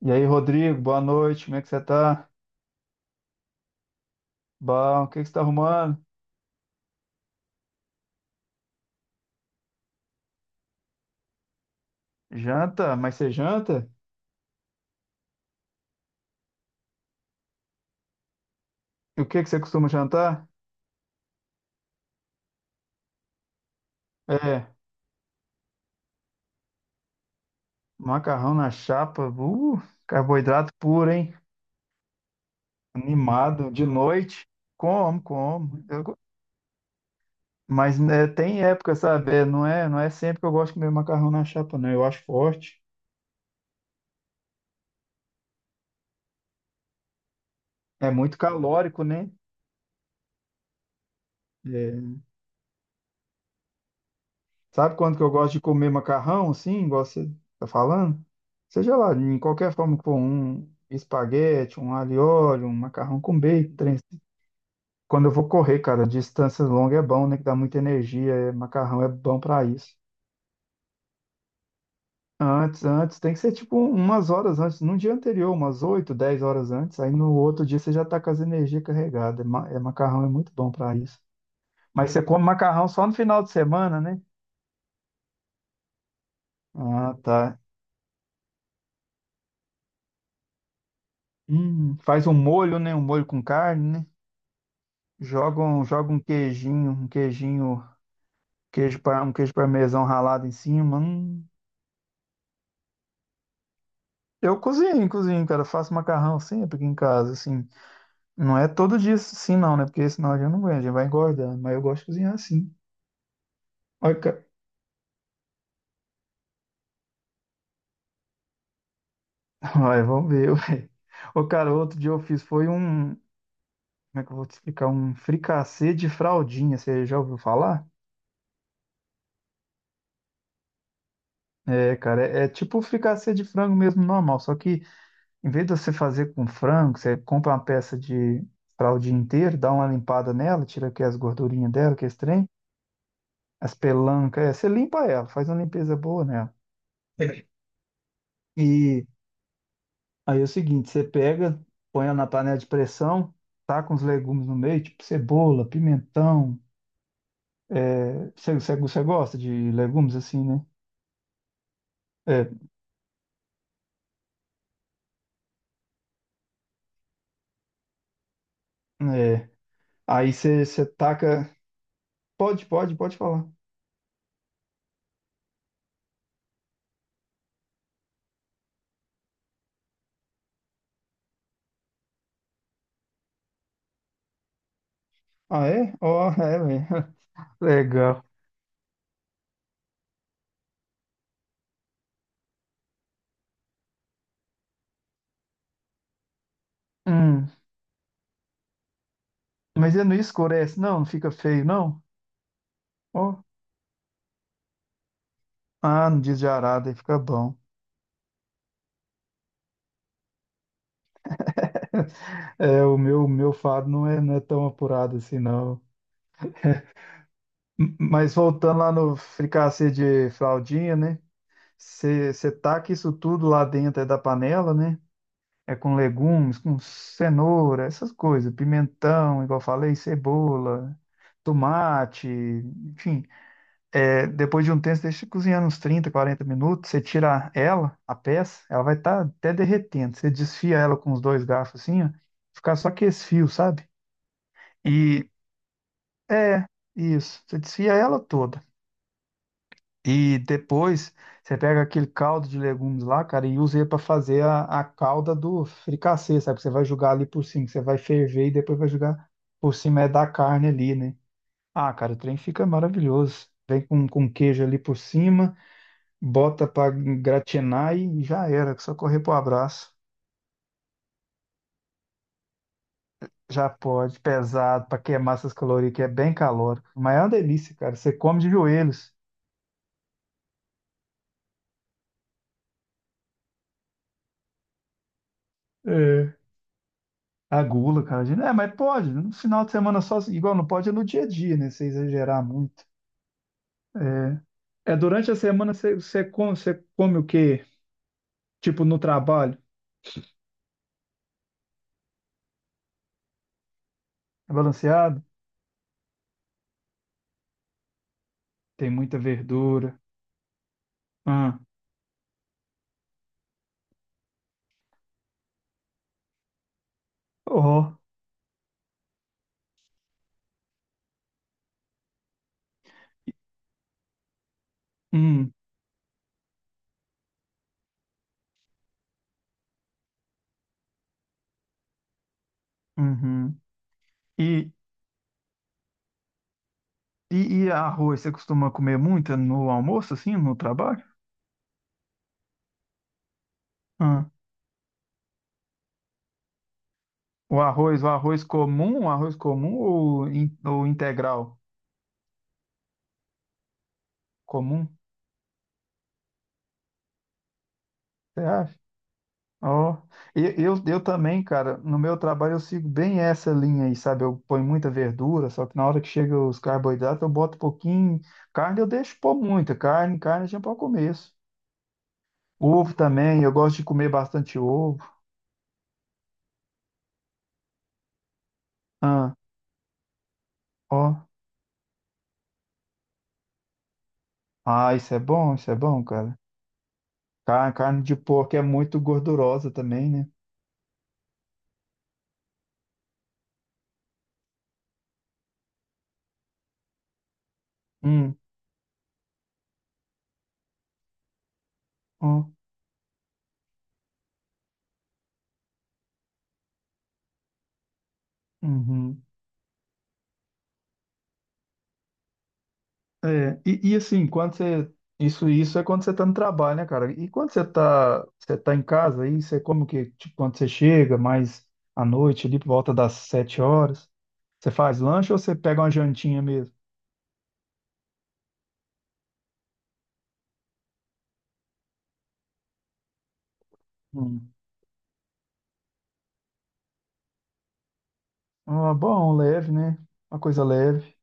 E aí, Rodrigo, boa noite, como é que você tá? Bom, o que que você tá arrumando? Janta? Mas você janta? E o que que você costuma jantar? É, macarrão na chapa, carboidrato puro, hein? Animado, de noite, como. Mas né, tem época, sabe? É, não é sempre que eu gosto de comer macarrão na chapa, não. Eu acho forte. É muito calórico, né? É, sabe quando que eu gosto de comer macarrão, assim, igual você tá falando? Seja lá, em qualquer forma que for, um espaguete, um alho e óleo, um macarrão com bacon, trem assim. Quando eu vou correr, cara, distância longa é bom, né? Que dá muita energia, macarrão é bom pra isso. Antes, antes, tem que ser tipo umas horas antes, no dia anterior, umas 8, 10 horas antes, aí no outro dia você já tá com as energias carregadas. É, é macarrão é muito bom pra isso. Mas você come macarrão só no final de semana, né? Ah, tá. Faz um molho, né? Um molho com carne, né? Joga um queijinho, um queijinho, queijo para um queijo parmesão ralado em cima. Hum. Eu cozinho, cara. Faço macarrão sempre aqui em casa, assim. Não é todo dia assim, não, né? Porque senão a gente não aguenta, a gente vai engordando. Mas eu gosto de cozinhar assim. Olha, ca- Olha, vamos ver. Ué. Ô, cara, outro dia eu fiz foi um. Como é que eu vou te explicar? Um fricassê de fraldinha. Você já ouviu falar? É, cara, é tipo um fricassê de frango mesmo normal, só que em vez de você fazer com frango, você compra uma peça de para o dia inteiro, dá uma limpada nela, tira aqui as gordurinhas dela, que é estranho, as pelancas, é, você limpa ela, faz uma limpeza boa nela. E aí é o seguinte, você pega, põe ela na panela de pressão, taca uns legumes no meio, tipo cebola, pimentão. É, você gosta de legumes assim, né? É, é. Aí você taca. Pode, pode, pode falar. Ah, é? Ó, é, velho. Legal. Hum. Mas ele não escurece, não, não fica feio, não? Ó, ah, não diz de arada, aí fica bom. É, o meu fado não é tão apurado assim, não. Mas voltando lá no fricassê de fraldinha, né? Você taca isso tudo lá dentro é da panela, né? É com legumes, com cenoura, essas coisas, pimentão, igual eu falei, cebola, tomate, enfim. É, depois de um tempo, você deixa cozinhando uns 30 40 minutos. Você tira ela, a peça, ela vai estar até derretendo. Você desfia ela com os dois garfos assim, ó. Ficar só com esse fio, sabe? E é isso. Você desfia ela toda. E depois você pega aquele caldo de legumes lá, cara, e usa ele para fazer a calda do fricassê, sabe? Que você vai jogar ali por cima, que você vai ferver e depois vai jogar por cima é da carne ali, né? Ah, cara, o trem fica maravilhoso. Vem com queijo ali por cima. Bota pra gratinar e já era, só correr pro abraço. Já pode, pesado, pra queimar essas calorias, que é bem calórico. Mas é uma delícia, cara. Você come de joelhos. É. A gula, cara. Gente, é, mas pode, no final de semana só, igual não pode é no dia a dia, né? Você exagerar muito. É, é durante a semana você come o quê? Tipo no trabalho? É balanceado? Tem muita verdura. Ah, oh, hum, uhum. E e arroz, você costuma comer muito no almoço, assim, no trabalho? Ah. O arroz comum, o arroz comum ou, ou integral comum, você acha? Ó, eu, eu também, cara, no meu trabalho eu sigo bem essa linha aí, sabe? Eu ponho muita verdura, só que na hora que chega os carboidratos eu boto um pouquinho. Carne eu deixo pôr muita, carne já para o começo. Ovo também, eu gosto de comer bastante ovo. Ah, ó, ah, isso é bom, cara. Carne de porco é muito gordurosa também, né? Hum, ó, uhum. É, e assim, quando você. Isso é quando você tá no trabalho, né, cara? E quando você tá em casa aí, você como que, tipo, quando você chega mais à noite, ali por volta das 7 horas, você faz lanche ou você pega uma jantinha mesmo? Hum. Ah, bom, leve, né? Uma coisa leve.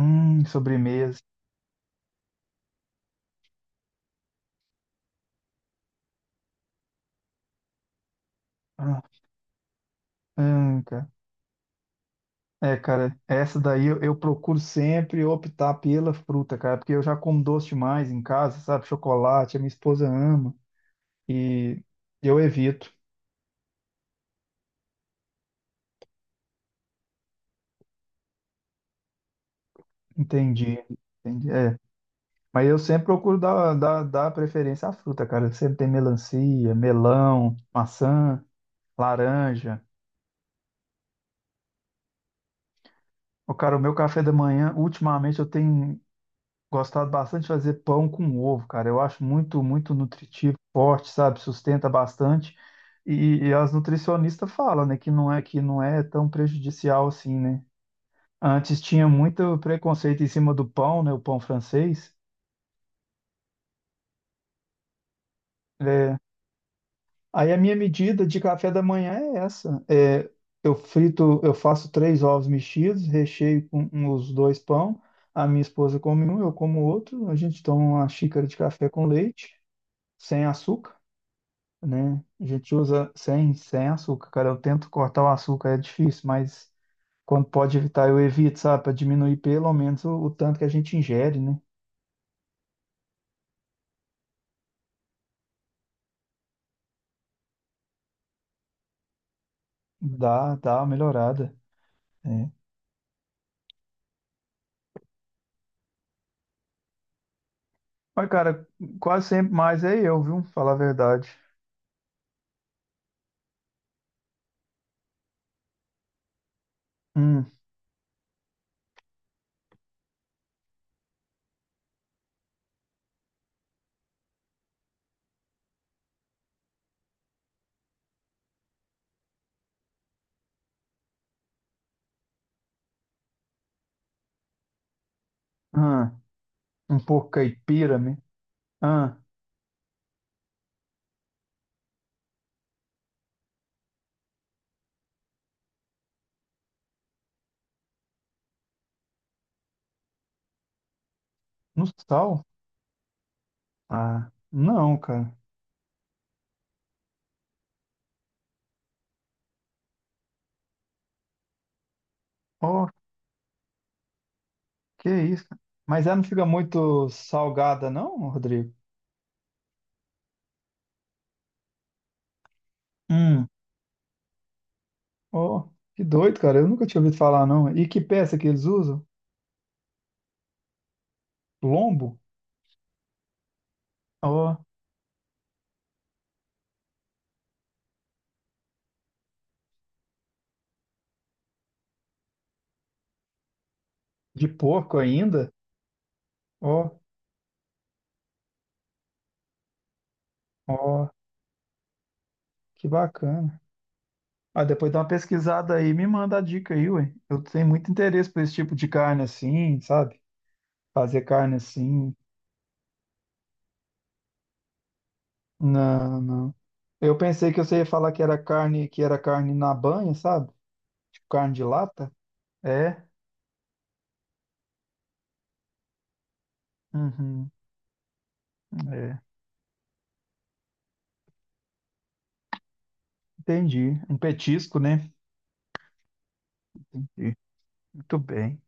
Sobremesa. Ah, é, cara, essa daí eu procuro sempre optar pela fruta, cara, porque eu já como doce demais em casa, sabe? Chocolate, a minha esposa ama e eu evito. Entendi, entendi. É, mas eu sempre procuro dar preferência à fruta, cara. Sempre tem melancia, melão, maçã, laranja. O cara, o meu café da manhã, ultimamente eu tenho gostado bastante de fazer pão com ovo, cara. Eu acho muito, muito nutritivo, forte, sabe? Sustenta bastante. E as nutricionistas falam, né, que não é tão prejudicial assim, né? Antes tinha muito preconceito em cima do pão, né? O pão francês. É. Aí a minha medida de café da manhã é essa. É, eu frito, eu faço três ovos mexidos, recheio com os dois pão. A minha esposa come um, eu como outro. A gente toma uma xícara de café com leite, sem açúcar, né? A gente usa sem açúcar, cara. Eu tento cortar o açúcar, é difícil, mas quando pode evitar, eu evito, sabe? Para diminuir pelo menos o tanto que a gente ingere, né? Dá uma melhorada. É. Mas, cara, quase sempre mais é eu, viu? Falar a verdade. Hum, ah, um pouco caipira, né? Ah, no sal? Ah, não, cara. Oh, que isso, cara. Mas ela não fica muito salgada, não, Rodrigo? Hum. Ó, que doido, cara. Eu nunca tinha ouvido falar, não. E que peça que eles usam? Lombo? Ó, de porco ainda? Ó, ó, que bacana. Ah, depois dá uma pesquisada aí, me manda a dica aí, ué. Eu tenho muito interesse por esse tipo de carne assim, sabe? Fazer carne assim. Não, não. Eu pensei que você ia falar que era carne, na banha, sabe? Tipo carne de lata. É? Uhum, é. Entendi. Um petisco, né? Entendi. Muito bem.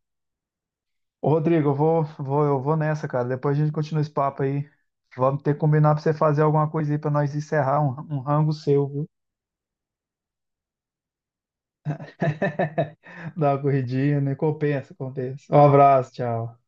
Ô, Rodrigo, eu vou nessa, cara. Depois a gente continua esse papo aí. Vamos ter que combinar pra você fazer alguma coisa aí pra nós encerrar um rango seu, viu? Dá uma corridinha, né? Compensa, compensa. Um abraço, tchau.